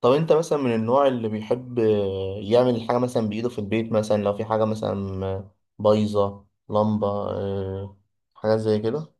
طب، انت مثلا من النوع اللي بيحب، يعمل الحاجة مثلا بإيده في البيت. مثلا لو في حاجة مثلا بايظة، لمبة، حاجات زي كده.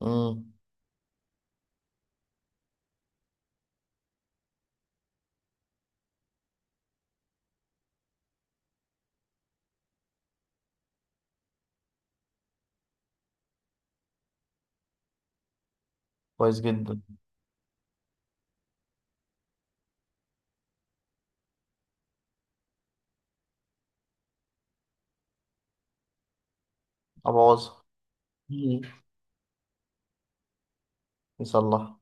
امم كويس جدا. أبوظها. مم. يصلحها.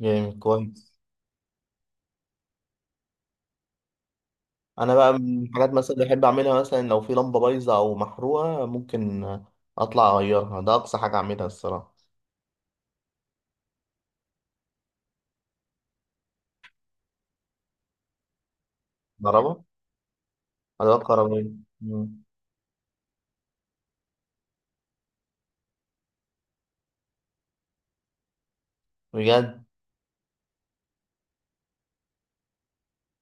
جامد كويس. أنا بقى من الحاجات مثلا اللي بحب أعملها، مثلا لو في لمبة بايظة أو محروقة ممكن أطلع أغيرها. ده أقصى حاجة أعملها الصراحة. كهرباء. أدوات كهربائية. مم. بجد.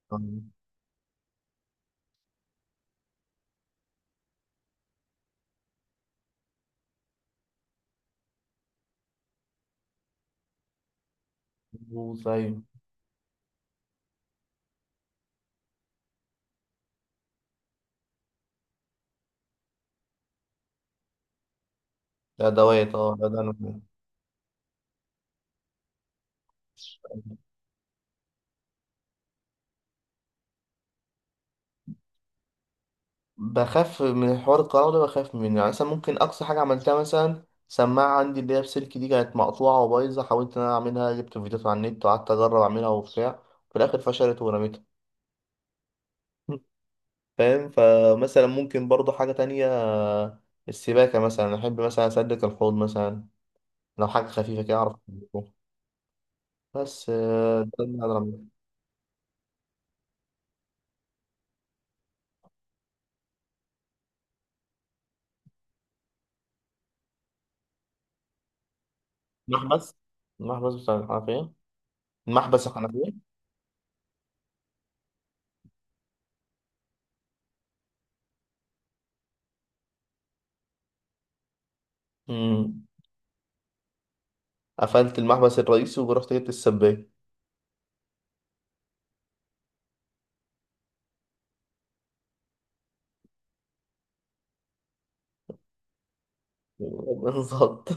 طب، بوظ، أيوه. ده أدوات ده أنا بخاف من حوار الكهرباء ده، بخاف منه. يعني مثلا ممكن أقصى حاجة عملتها مثلا سماعة عندي اللي هي بسلك دي، كانت مقطوعة وبايظة، حاولت إن أنا أعملها، جبت فيديوهات على النت وقعدت أجرب أعملها وبتاع. في الآخر فشلت ورميتها. فاهم؟ فمثلا ممكن برضو حاجة تانية، السباكة مثلا، أحب مثلا أسلك الحوض مثلا. لو حاجة خفيفة كده أعرف أسلكه. بس ده اللي أقدر أعمله. محبس. المحبس بتاع الحنفية. المحبس الحنفية. مم. قفلت المحبس الرئيسي ورحت جبت السباك. بالظبط.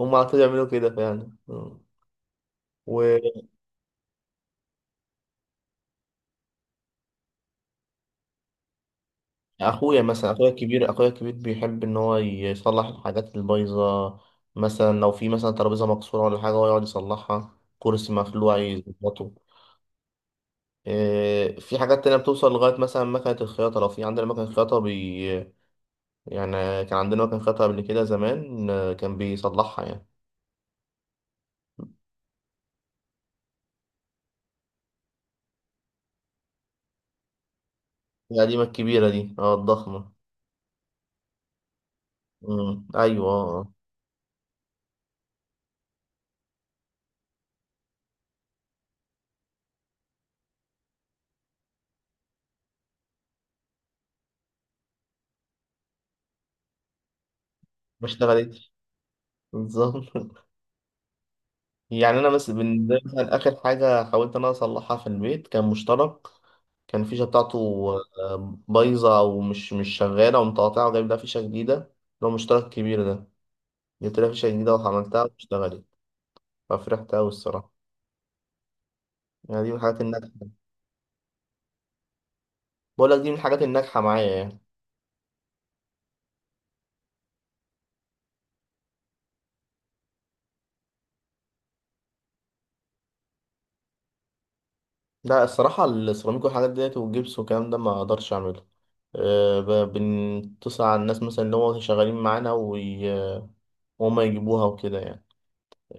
هم على طول يعملوا كده فعلا. مم. واخويا مثلا اخويا الكبير بيحب ان هو يصلح الحاجات البايظه. مثلا لو في مثلا ترابيزه مكسوره ولا حاجه، هو يقعد يصلحها. كرسي مخلوع يظبطه. إيه، في حاجات تانية بتوصل لغاية مثلا مكنة الخياطة. لو في عندنا مكنة خياطة يعني، كان عندنا مكنة خياطة قبل كده زمان، كان بيصلحها يعني. القديمة الكبيرة دي، الضخمة. مم. أيوه، آه، آه. ما اشتغلتش. بالظبط. يعني انا مثلا بالنسبه لي مثلا، اخر حاجه حاولت ان انا اصلحها في البيت كان مشترك. كان الفيشه بتاعته بايظه، او مش شغاله ومتقاطعه، وجايب لها فيشه جديده، اللي هو مشترك كبير ده. جبت لها فيشه جديده وعملتها واشتغلت. ففرحت قوي الصراحه. يعني دي من الحاجات الناجحه. بقول لك دي من الحاجات الناجحه معايا يعني. لا الصراحه السيراميك والحاجات ديت والجبس والكلام ده ما اقدرش اعمله. أه بنتصل على الناس مثلا اللي هو شغالين معانا وهم يجيبوها وكده يعني.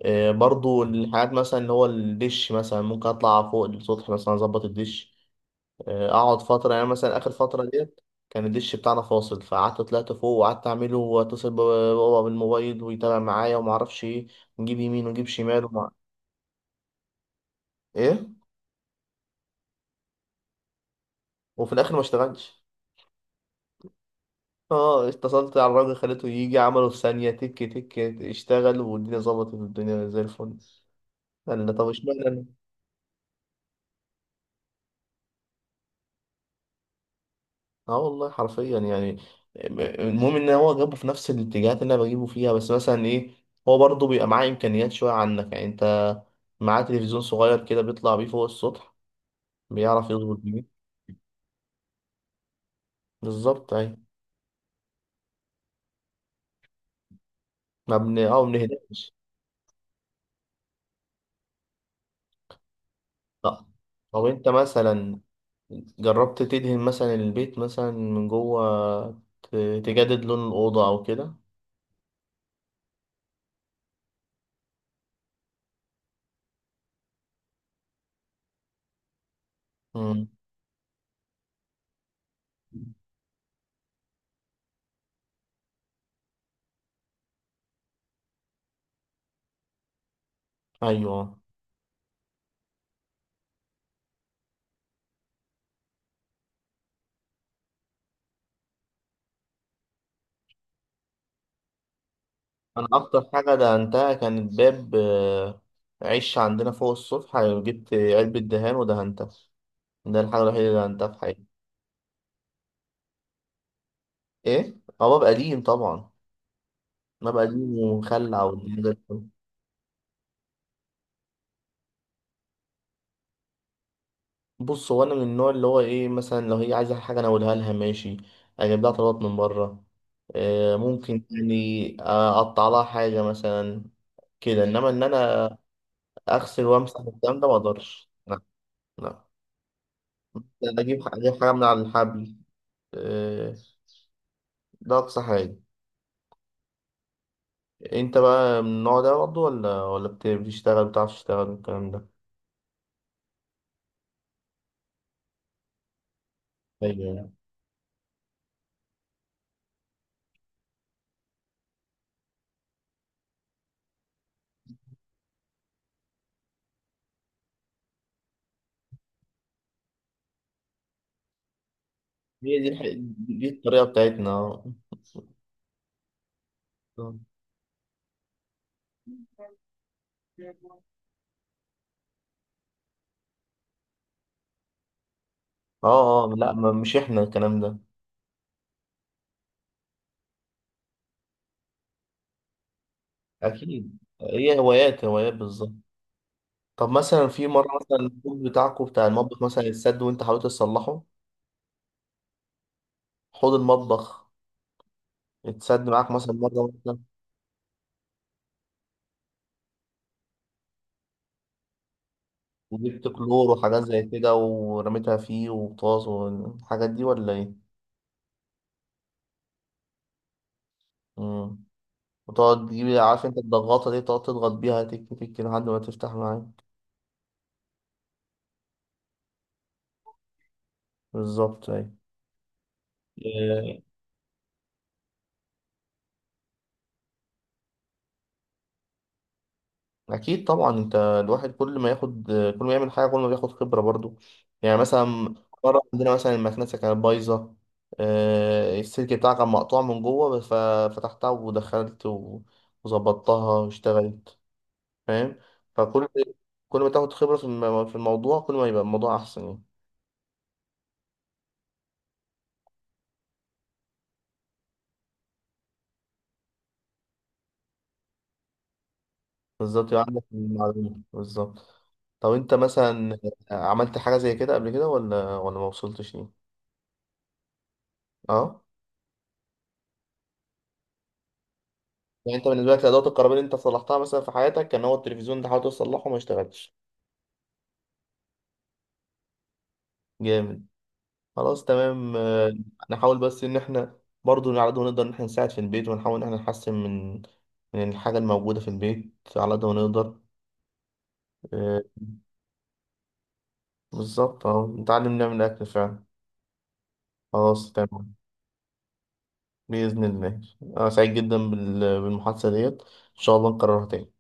برضو الحاجات مثلا اللي هو الدش مثلا ممكن اطلع فوق السطح مثلا اظبط الدش. اقعد فتره، يعني مثلا اخر فتره ديت كان الدش بتاعنا فاصل. فقعدت طلعت فوق وقعدت اعمله واتصل بابا، بابا بالموبايل ويتابع معايا وما اعرفش ايه. نجيب يمين ونجيب شمال ومع... ايه. وفي الاخر ما اشتغلش. اه اتصلت على الراجل خليته يجي، عمله في ثانيه تك تك، اشتغل والدنيا ظبطت والدنيا زي الفل. قال لي طب اشمعنى. اه والله حرفيا يعني. المهم ان هو جابه في نفس الاتجاهات اللي انا بجيبه فيها. بس مثلا ايه، هو برضه بيبقى معاه امكانيات شويه عنك، يعني انت. معاه تلفزيون صغير كده بيطلع بيه فوق السطح، بيعرف يظبط بيه. بالظبط اهي. ما بن اه ما بنهدمش. لا. طب، انت مثلا جربت تدهن مثلا البيت مثلا من جوه تجدد لون الاوضه او كده؟ امم ايوه. انا اكتر حاجه دهنتها كانت باب، عش عندنا فوق السطح، جبت علبه دهان ودهنتها. ده الحاجه الوحيده اللي دهنتها في حياتي. ايه، هو باب قديم طبعا. باب قديم ومخلع والدنيا زي الفل. بص، هو انا من النوع اللي هو ايه، مثلا لو هي عايزه حاجه انا اقولها لها ماشي، اجيب لها طلبات من بره. ممكن يعني، اقطع لها حاجه مثلا كده. انما ان انا اغسل وامسح والكلام ده ما اقدرش لا. لا. اجيب اجيب حاجه من على الحبل. آه، ده أقصى حاجة. أنت بقى من النوع ده برضه ولا بتشتغل، بتعرف تشتغل والكلام ده؟ أيوه. هي دي الح... دي الطريقة بتاعتنا. أه أه آه، لا مش إحنا الكلام ده. أكيد هي هوايات هوايات بالظبط. طب مثلا في مرة مثلا الحوض بتاعكم بتاع المطبخ مثلا اتسد وأنت حاولت تصلحه؟ حوض المطبخ اتسد معاك مثلا مرة مثلا. وجبت كلور وحاجات زي كده ورميتها فيه وطاس والحاجات دي، ولا إيه؟ مم. وتقعد تجيب، عارف انت الضغطة دي، تقعد تضغط بيها تك تك لحد ما تفتح معاك. بالظبط اهي. آه، أكيد طبعا. أنت الواحد كل ما ياخد، كل ما يعمل حاجة كل ما بياخد خبرة برضو. يعني مثلا مرة عندنا مثلا المكنسة كانت بايظة. السلك بتاعها كان مقطوع من جوه. بس فتحتها ودخلت وظبطتها واشتغلت. فاهم؟ فكل كل ما تاخد خبرة في في الموضوع كل ما يبقى الموضوع أحسن يعني. بالظبط يبقى عندك المعلومة بالظبط. طب انت مثلا عملت حاجة زي كده قبل كده ولا ما وصلتش ليه؟ اه. يعني انت بالنسبة لك الأدوات الكهربائية اللي انت صلحتها مثلا في حياتك كان هو التلفزيون ده، حاولت تصلحه ما اشتغلش. جامد. خلاص تمام، نحاول بس ان احنا برضو على قد ما نقدر ان احنا نساعد في البيت، ونحاول ان احنا نحسن من من الحاجة الموجودة في البيت على قد ما نقدر. آه، بالظبط اه نتعلم نعمل أكل فعلا. خلاص تمام. بإذن الله. أنا سعيد جدا بالمحادثة ديت، إن شاء الله نكررها تاني.